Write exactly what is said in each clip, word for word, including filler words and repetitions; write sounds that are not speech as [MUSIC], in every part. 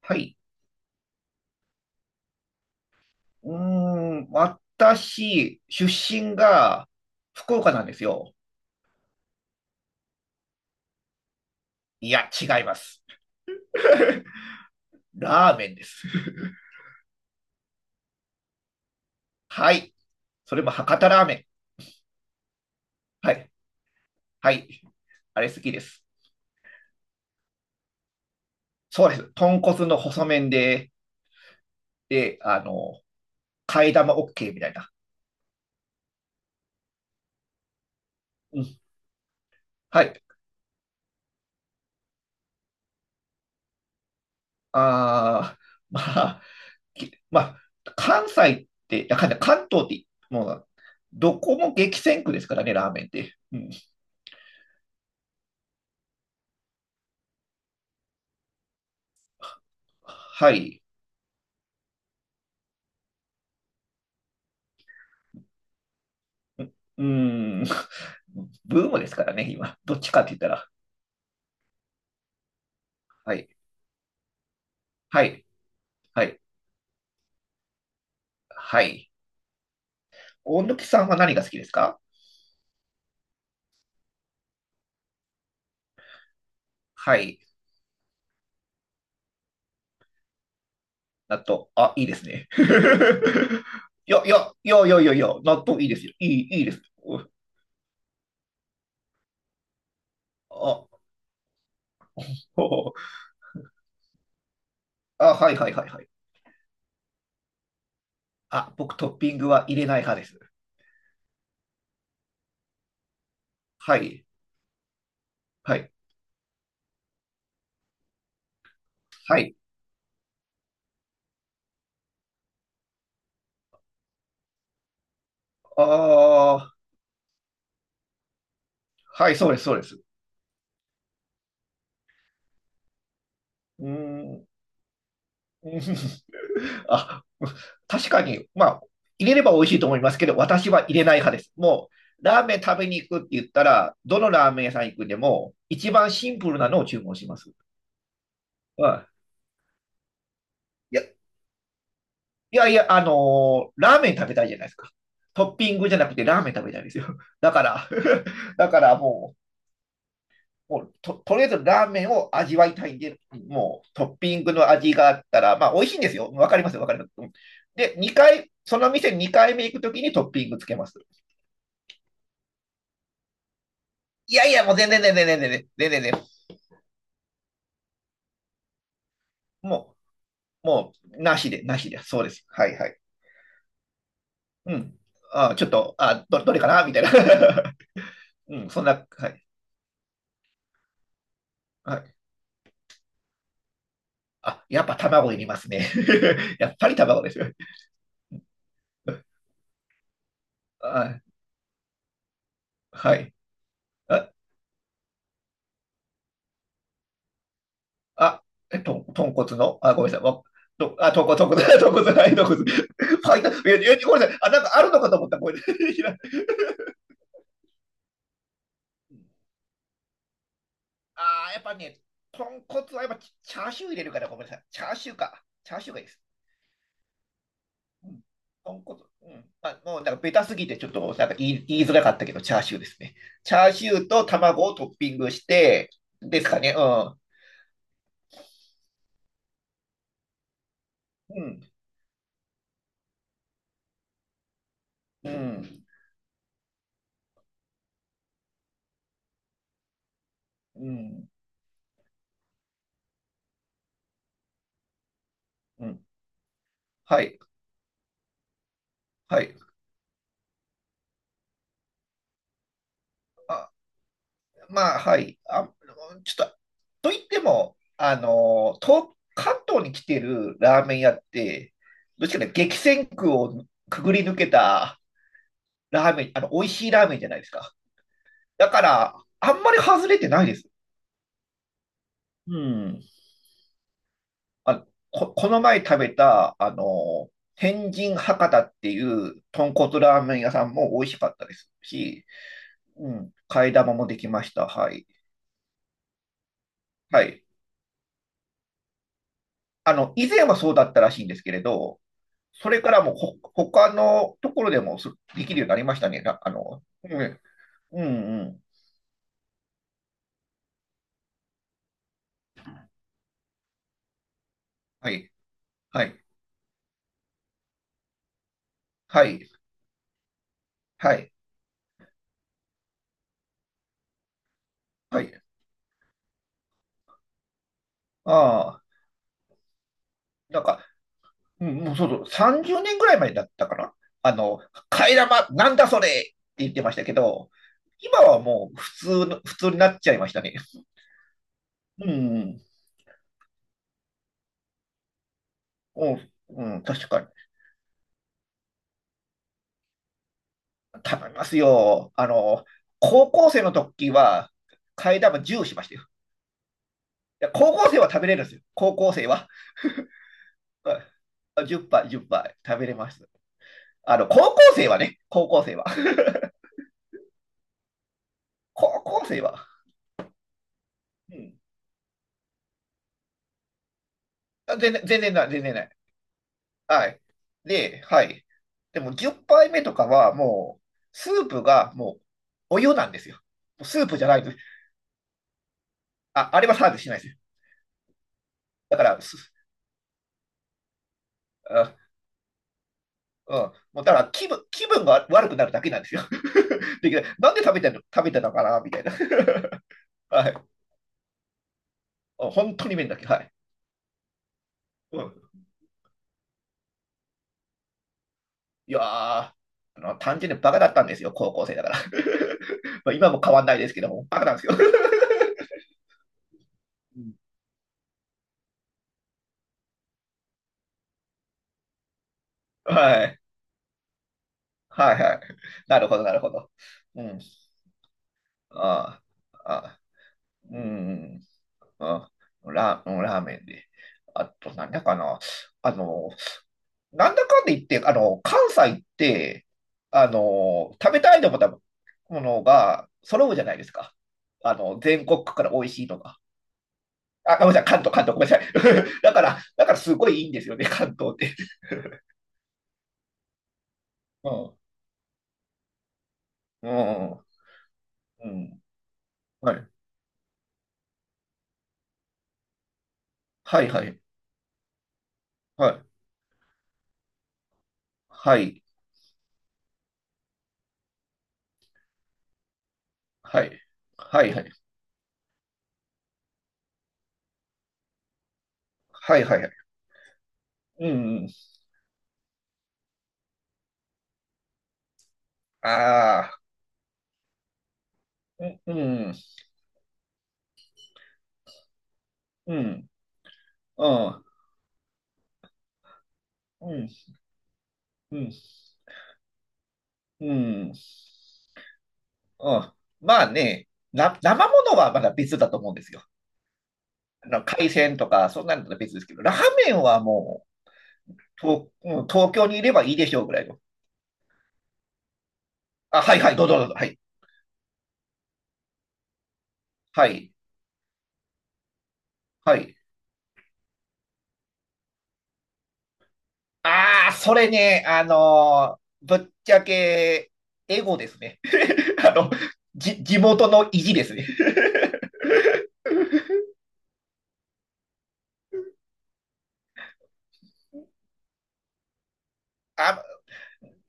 はい。うーん、私、出身が福岡なんですよ。いや、違います。[LAUGHS] ラーメンです。はい。それも博多ラーメン。はい。はい。あれ好きです。そうです。豚骨の細麺で、で、あの、替え玉 OK みたいな。うん。はい。あー、まあ、きまあ、関西って、いや関関東って、もう、どこも激戦区ですからね、ラーメンって。うん。はい。うーん。ブームですからね、今。どっちかって言ったら。はい。はい。はい。はい。大貫さんは何が好きですか？はい。納豆。あ、いいですね。[LAUGHS] いや、いや、いや、いや、いや、いや、納豆いいですよ。いい、いいです。うん。あ、ほう。あ、はい、はい、はい、はい。あ、僕トッピングは入れない派です。はい。はい。はい。ああ、はい、そうです、そうです。うーん。うん [LAUGHS] あ、確かに、まあ、入れれば美味しいと思いますけど、私は入れない派です。もう、ラーメン食べに行くって言ったら、どのラーメン屋さん行くでも、一番シンプルなのを注文します。うん。いや、いやいや、あのーラーメン食べたいじゃないですか。トッピングじゃなくてラーメン食べたいんですよ。だから、[LAUGHS] だからもう、もうと、とりあえずラーメンを味わいたいんで、もうトッピングの味があったら、まあ美味しいんですよ。わかりますよ、わかります。で、にかい、その店にかいめ行くときにトッピングつけます。いやいや、もう全然全然全然全然全然全然。もう、もう、なしで、なしで、そうです。はいはい。うん。あ、ちょっと、あ、ど、どれかなみたいな。[LAUGHS] うん、そんな、はい。はい。あ、やっぱ卵いりますね。[LAUGHS] やっぱり卵ですよ。[LAUGHS] あ、はい。あ、あ、え、と、豚骨の、あ、ごめんなさい。わと、あ、豚骨、豚骨、[LAUGHS] 豚骨、はい、豚骨。[LAUGHS] はい、いや、いやごめんなさい。あ、なんかあるのかと思った。ごめんなさい。[LAUGHS] あー、やっぱね、豚骨はやっぱチチャーシュー入れるから、ごめんなさい。チャーシューか。チャーシューがいいです。うん。豚骨。うん。まあ、もうなんかベタすぎてちょっとなんか言い、言いづらかったけど、チャーシューですね。チャーシューと卵をトッピングして、ですかね。うん。うん。うん。うん。うん。はい。はい。あ、まあ、はい。あ、ちょっとと言っても、あの、東、関東に来てるラーメン屋って、どっちかね、激戦区をくぐり抜けたラーメン、あの、美味しいラーメンじゃないですか。だから、あんまり外れてないです。うん。あ、こ、この前食べた、あの、天神博多っていう豚骨ラーメン屋さんも美味しかったですし、うん、替え玉もできました。はい。はい。あの、以前はそうだったらしいんですけれど、それからもうほ、他のところでもすできるようになりましたね。なあの、うん、うん、うん。はい、はい、はい、はい、はい。ああ、なんか、うん、もうそうそう、さんじゅうねんぐらい前だったかな。あの、替え玉、なんだそれって言ってましたけど、今はもう普通の、普通になっちゃいましたね。うん、うん、うん、確かに。頼みますよ。あの、高校生の時は、替え玉じゅっぱいしましたよ。いや高校生は食べれるんですよ。高校生は。あじゅっぱい、じゅっぱい食べれます。あの、高校生はね、高校生は。[LAUGHS] 高校生は。うん。あ全然、全然ない、全然ない。はい。で、はい。でもじゅっぱいめとかはもう、スープがもう、お湯なんですよ。もうスープじゃないです。あ、あれはサービスしないですよ。だから、すあ、うん。もうだから気分、気分が悪くなるだけなんですよ。[LAUGHS] で、なんで食べてる、食べてたのかなみたいな。[LAUGHS] はい。本当に麺だけ。はい。うん。いやー、あの、単純にバカだったんですよ、高校生だから。[LAUGHS] まあ今も変わんないですけども、バカなんですよ。[LAUGHS] うん。はい。はいはい。なるほど、なるほど。うん。ああ、ああ、うん、あラ、うんラーメンで。あと、なんだかな。あの、なんだかんで言って、あの、関西って、あの、食べたいと思ったものが揃うじゃないですか。あの、全国区から美味しいとか。あ、ごめんなさい、関東、関東、ごめんなさい。[LAUGHS] だから、だからすごいいいんですよね、関東って。うん、うん、うん。はい。はい、はい、はい。はい、はい。はい、はい。はい、はい、はい。うん、うん。ああ、うん、うん、うん、うん、うん、うん、うん。うん。まあね、な、生ものはまだ別だと思うんですよ。あの海鮮とか、そんなのは別ですけど、ラーメンはもう、と、うん、東京にいればいいでしょうぐらいの。あ、はい、はい、どうぞどうぞ。はい、はい、はい。ああ、それね、あのーぶっちゃけ、エゴですね。[LAUGHS] あの、じ、地元の意地ですね。[LAUGHS] あ、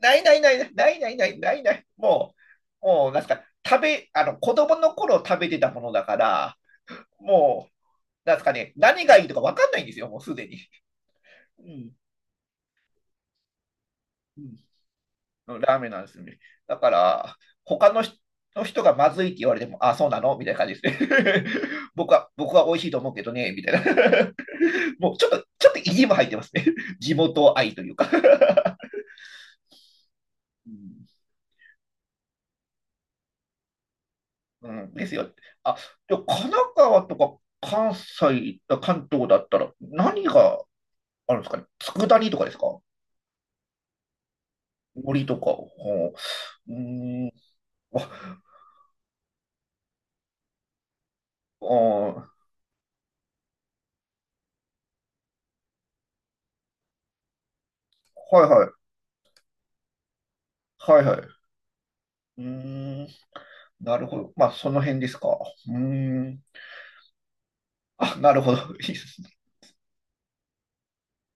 ないないないないないないないない。もう、もう、なんすか、食べ、あの、子供の頃食べてたものだから、もう、なんすかね、何がいいとかわかんないんですよ、もうすでに。うん。うんのラーメンなんですね。だから、他の人の人がまずいって言われても、あ、そうなのみたいな感じですね。[LAUGHS] 僕は、僕は美味しいと思うけどね、みたいな。[LAUGHS] もうちょっと、ちょっと意地も入ってますね。[LAUGHS] 地元愛というか。 [LAUGHS] うん。うんですよ。あ、でも神奈川とか関西、あ関東だったら何があるんですかね？佃煮とかですか？森とか。ほう。うーん。あ、あーはいはい。はいはい。うーん。なるほど。まあ、その辺ですか。うーん。あ、なるほど。いいですね